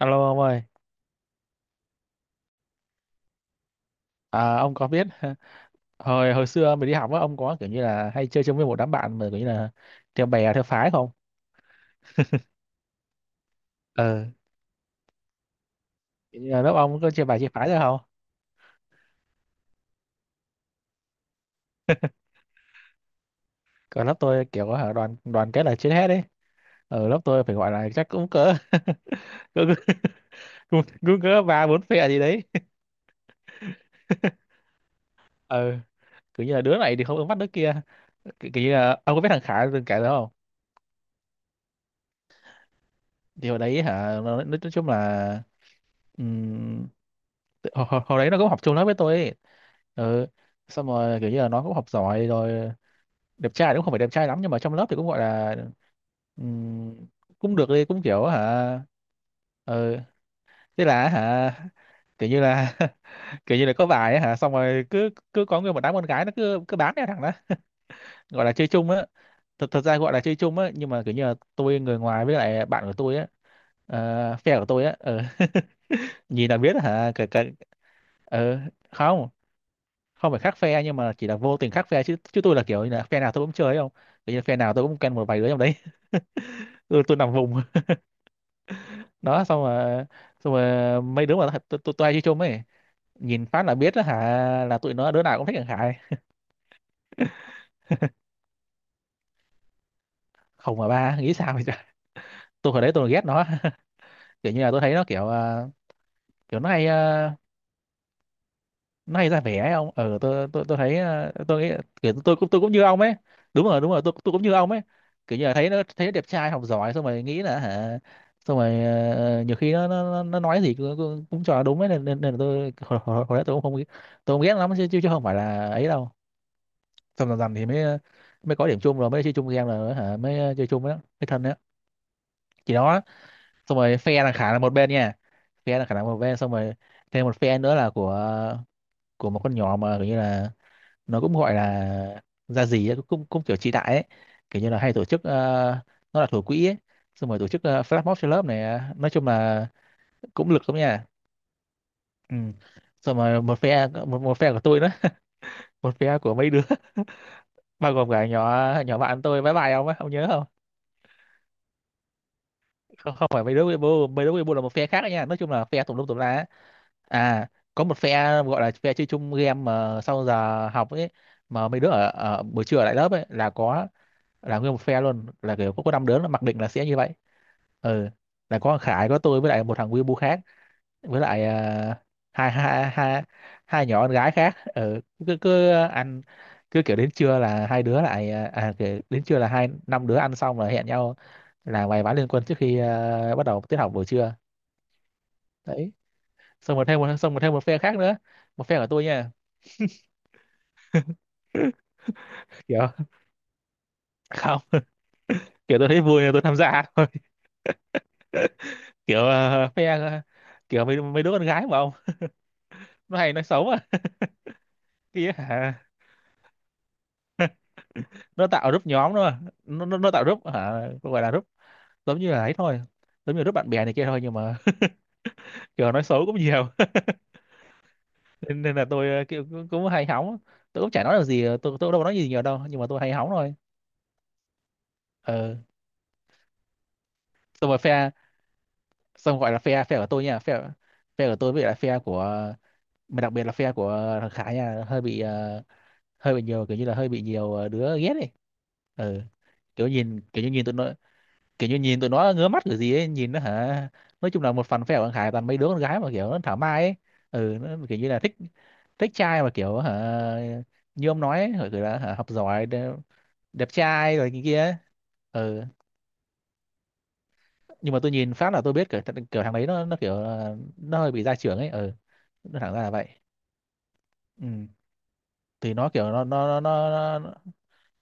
Alo ông ơi, à, ông có biết hồi hồi xưa mình đi học á, ông có kiểu như là hay chơi chung với một đám bạn mà kiểu như là theo bè theo phái không? Ờ, kiểu như là lớp ông có chia bài chia phái ra không? Còn lớp tôi kiểu có hả đoàn đoàn kết là trên hết đấy. Ở lớp tôi phải gọi là chắc cũng cỡ cũng cũng cỡ ba bốn phe gì đấy. Ờ, kiểu như là đứa này thì không ứng mắt đứa kia. Kiểu như là ông có biết thằng Khải từng kể đó không? Thì hồi đấy hả nó nói chung là hồi, hồi hồi đấy nó cũng học chung lớp với tôi ấy. Ừ. Xong rồi kiểu như là nó cũng học giỏi rồi, đẹp trai thì cũng không phải đẹp trai lắm nhưng mà trong lớp thì cũng gọi là ừm, cũng được đi, cũng kiểu hả. Ừ, thế là hả kiểu như là kiểu như là có bài ấy hả, xong rồi cứ cứ có người, một đám con gái nó cứ cứ bám theo thằng đó, gọi là chơi chung á. Thật thật ra gọi là chơi chung á nhưng mà kiểu như là tôi người ngoài, với lại bạn của tôi á, ờ, phe của tôi á. Ừ. Nhìn là biết hả cái cái. Ừ. Không, không phải khác phe nhưng mà chỉ là vô tình khác phe chứ chứ tôi là kiểu như là phe nào tôi cũng chơi ấy, không, kiểu như phe nào tôi cũng quen một vài đứa trong đấy. Tôi nằm vùng. Đó, xong rồi mấy đứa mà tôi hay chơi chung ấy, nhìn phát là biết đó hả, là tụi nó đứa nào cũng thích thằng Khải. Không mà ba nghĩ sao vậy trời? Tôi hồi đấy tôi ghét nó. Kiểu như là tôi thấy nó kiểu kiểu nó hay nay ra vẻ ấy ông. Ờ, tôi thấy tôi nghĩ kiểu tôi cũng, tôi cũng như ông ấy. Đúng rồi, đúng rồi, tôi cũng như ông ấy. Kiểu như là thấy nó đẹp trai học giỏi xong rồi nghĩ là hả, xong rồi ờ, nhiều khi nó nói gì cũng cho là đúng ấy, nên nên là tôi hồi đấy tôi cũng không, tôi không ghét lắm chứ chứ chứ không phải là ấy đâu. Xong dần dần thì mới ờ, mới có điểm chung rồi mới chơi chung game rồi hả, mới ờ, chơi chung với mới thân đó. Chỉ đó. Xong rồi phe là Khả là một bên nha. Phe là Khả là một bên, xong rồi thêm một phe nữa là của một con nhỏ mà kiểu như là nó cũng gọi là ra gì ấy, cũng cũng kiểu trị đại ấy, kiểu như là hay tổ chức ờ, nó là thủ quỹ ấy, xong rồi tổ chức flash mob cho lớp này. Ờ, nói chung là cũng lực lắm nha. Ừ. Xong rồi một phe, một phe của tôi đó. Một phe của mấy đứa bao gồm cả nhỏ nhỏ bạn tôi bye bye ông ấy, ông nhớ không? Không, không phải mấy đứa Weibo, mấy đứa Weibo là một phe khác đấy nha. Nói chung là phe tùm lum tùm la á. À, có một phe gọi là phe chơi chung game mà sau giờ học ấy, mà mấy đứa ở buổi trưa ở lại lớp ấy, là có, là nguyên một phe luôn, là kiểu có 5 đứa là mặc định là sẽ như vậy. Ừ, là có thằng Khải, có tôi với lại một thằng Weibo khác, với lại hai hai hai hai nhỏ con gái khác. Ừ, cứ cứ ăn, kiểu đến trưa là hai đứa lại kiểu đến trưa là 5 đứa ăn xong là hẹn nhau là vài ván liên quân trước khi bắt đầu tiết học buổi trưa. Đấy, xong rồi thêm một phe khác nữa, một phe của tôi nha. Kiểu không. Kiểu tôi thấy vui nên tôi tham gia thôi. Kiểu ờ, phe ờ, kiểu mấy mấy đứa con gái mà ông, nó hay nói xấu à kia hả. Nó tạo group nhóm thôi mà. Nó tạo group hả, gọi là group giống như là ấy thôi, giống như group bạn bè này kia thôi nhưng mà kiểu nói xấu cũng nhiều. Nên, là tôi ờ, kiểu cũng hay hóng. Tôi cũng chả nói được gì. Ờ, tôi cũng đâu có nói gì nhiều đâu nhưng mà tôi hay hóng thôi. Ờ, xong rồi phe, xong gọi là phe phe của tôi nha. Phe Phe của tôi với lại phe của, mà đặc biệt là phe của thằng Khải nha, hơi bị ờ, hơi bị nhiều kiểu như là hơi bị nhiều ờ, đứa ghét đi. Ừ, kiểu nhìn kiểu như nhìn tụi nó ngứa mắt kiểu gì ấy, nhìn nó hả. Nói chung là một phần phe của thằng Khải toàn mấy đứa con gái mà kiểu nó thảo mai ấy. Ừ, nó kiểu như là thích, thích trai mà kiểu hả, như ông nói ấy, hả, kiểu là hả, học giỏi đẹp, đẹp trai rồi cái kia ấy. Ừ, nhưng mà tôi nhìn phát là tôi biết kiểu, kiểu thằng đấy nó kiểu là nó hơi bị gia trưởng ấy. Ừ, nó thẳng ra là vậy. Ừ, thì nó kiểu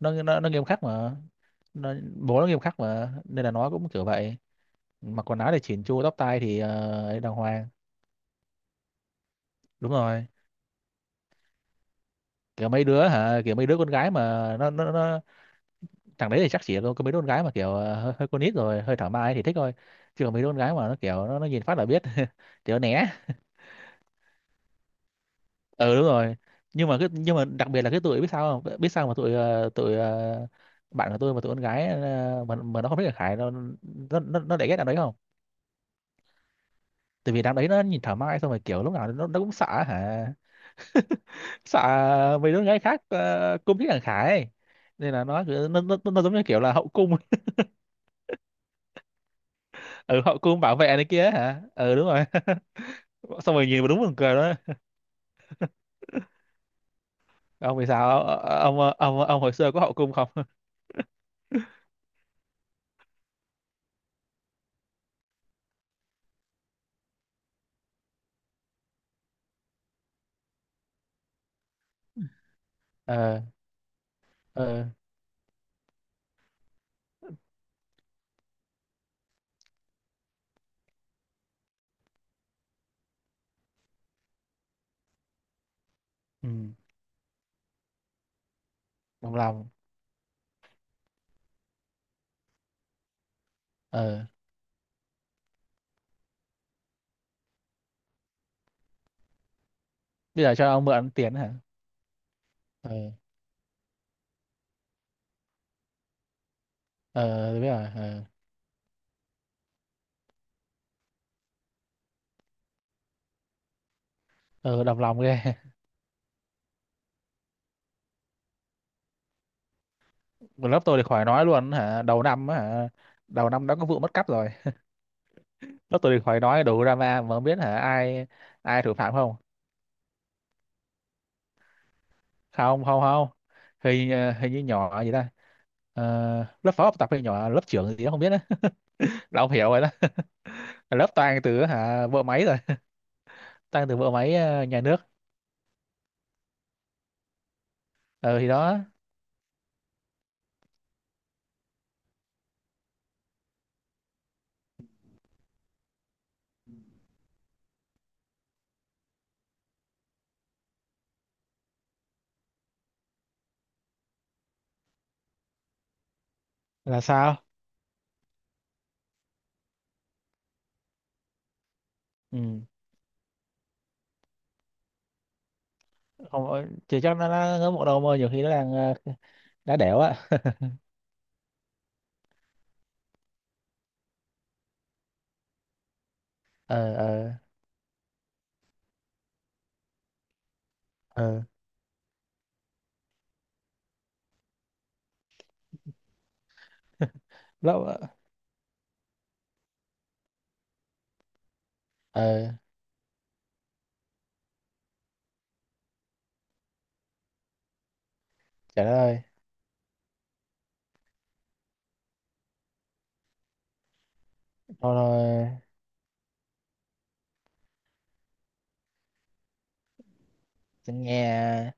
nó nghiêm khắc mà. Nó, bố nó nghiêm khắc mà nên là nó cũng kiểu vậy. Mặc quần áo thì chỉn chu, tóc tai thì ờ, ấy đàng hoàng. Đúng rồi, kiểu mấy đứa hả, kiểu mấy đứa con gái mà nó thằng đấy thì chắc chỉ có mấy đứa con gái mà kiểu ờ, hơi con nít rồi hơi thảo mai thì thích thôi, chứ còn mấy đứa con gái mà nó kiểu nó nhìn phát là biết thì nó né. Ừ đúng rồi, nhưng mà cái, nhưng mà đặc biệt là cái tụi biết sao không, biết sao mà tụi ờ, bạn của tôi mà tụi con gái ờ, mà nó không biết là Khải nó nó để ghét đám đấy không. Tại vì đám đấy nó nhìn thảo mai xong rồi kiểu lúc nào nó cũng sợ hả, sợ mấy đứa con gái khác ờ, cung thích thằng Khải ấy. Nên là nó nó giống như kiểu là hậu cung. Ừ, họ cũng bảo vệ này kia hả, ừ đúng rồi. Xong rồi nhìn mà đúng buồn cười đó. Ông vì sao ông ờ, ông hồi xưa có hậu cung không? Ờ. Ờ. Ừ. Đồng lòng. Ờ, bây giờ cho ông mượn tiền hả? Ờ, ờ tôi biết rồi. Ờ. Ờ, đồng lòng ghê. Mà lớp tôi thì khỏi nói luôn hả, đầu năm á hả, đầu năm đã có vụ mất cắp rồi. Lớp tôi thì khỏi nói, đủ drama mà, không biết hả ai, ai thủ phạm không? Không, không, không, hình ờ, hình như nhỏ gì ta. Ờ, lớp phó học tập hay nhỏ lớp trưởng gì đó không biết á. Là ông hiểu rồi đó. Lớp toàn từ hả vợ máy rồi. Toàn từ vợ máy, ờ, nhà nước. Ờ thì đó. Là sao? Ừ, không, ờ, chỉ cho nó ngớ bộ đầu mà nhiều khi nó đang ờ, đá đẻo á. Ờ. Ờ. Ờ lớp. Ờ trời đất ơi. Thôi thôi. Nghe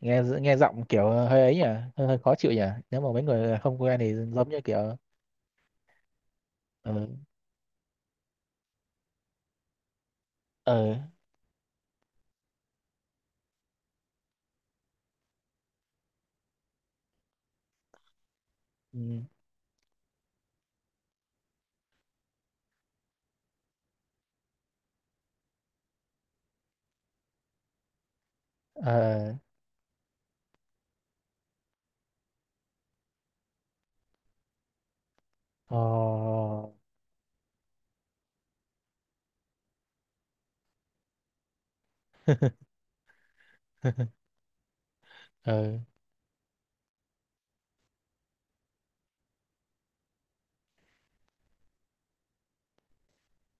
nghe Nghe giọng kiểu hơi ấy nhỉ, hơi khó chịu nhỉ. Nếu mà mấy người không quen thì giống như kiểu ờ. Ờ. ừ, ờ ờ. Ờ,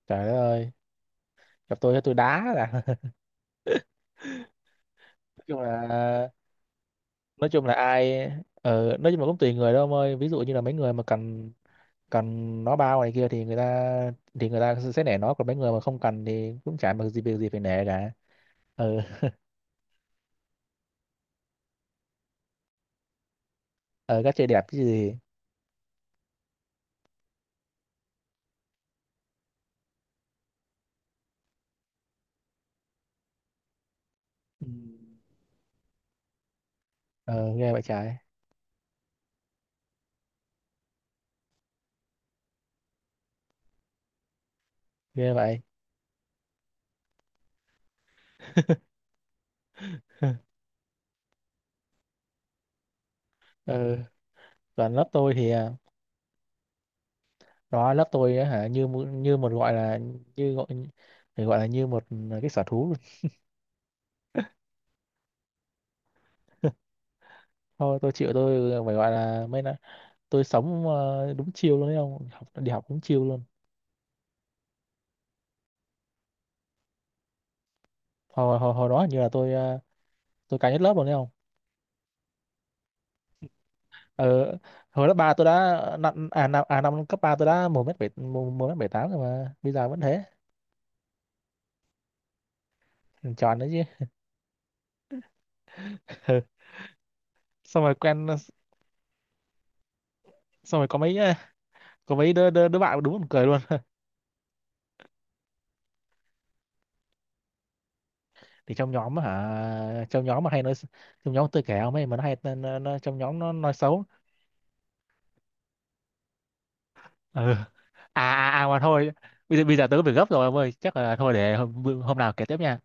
trời đất ơi, gặp tôi đá là. Nói chung là, nói chung là ai ờ, nói chung là cũng tùy người đâu ông ơi, ví dụ như là mấy người mà cần, nó bao này kia thì người ta, thì người ta sẽ nể nó, còn mấy người mà không cần thì cũng chả mặc gì, việc gì phải nể cả. Ờ. Ờ, các chơi đẹp chứ gì. Ừ. Ờ ghê vậy trái. Ghê vậy. Ờ, còn lớp tôi thì đó lớp tôi á hả như như một gọi là, như gọi, phải gọi là như một cái sở thú luôn. Thôi tôi chịu, tôi phải gọi là mấy là, tôi sống ờ, đúng chiêu luôn đấy không, học đi học đúng chiêu luôn. Hồi hồi hồi đó hình như là tôi ờ, tôi cao nhất lớp luôn đấy không. Ờ, hồi lớp ba tôi đã năm cấp ba tôi đã 1m7, 1m78 rồi mà bây giờ vẫn thế. Tròn đấy chứ. Ừ. Xong rồi quen, xong rồi có mấy ờ, có mấy đứa, đứa bạn đúng buồn cười luôn. Thì trong nhóm á hả, trong nhóm tôi kể không ấy, mà nó hay trong nhóm nó nói xấu. Ừ. À à à mà thôi, bây giờ tớ có việc gấp rồi ông ơi, chắc là thôi để hôm nào kể tiếp nha.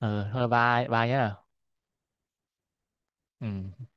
Ừ thôi bye bye nhá. Ừ.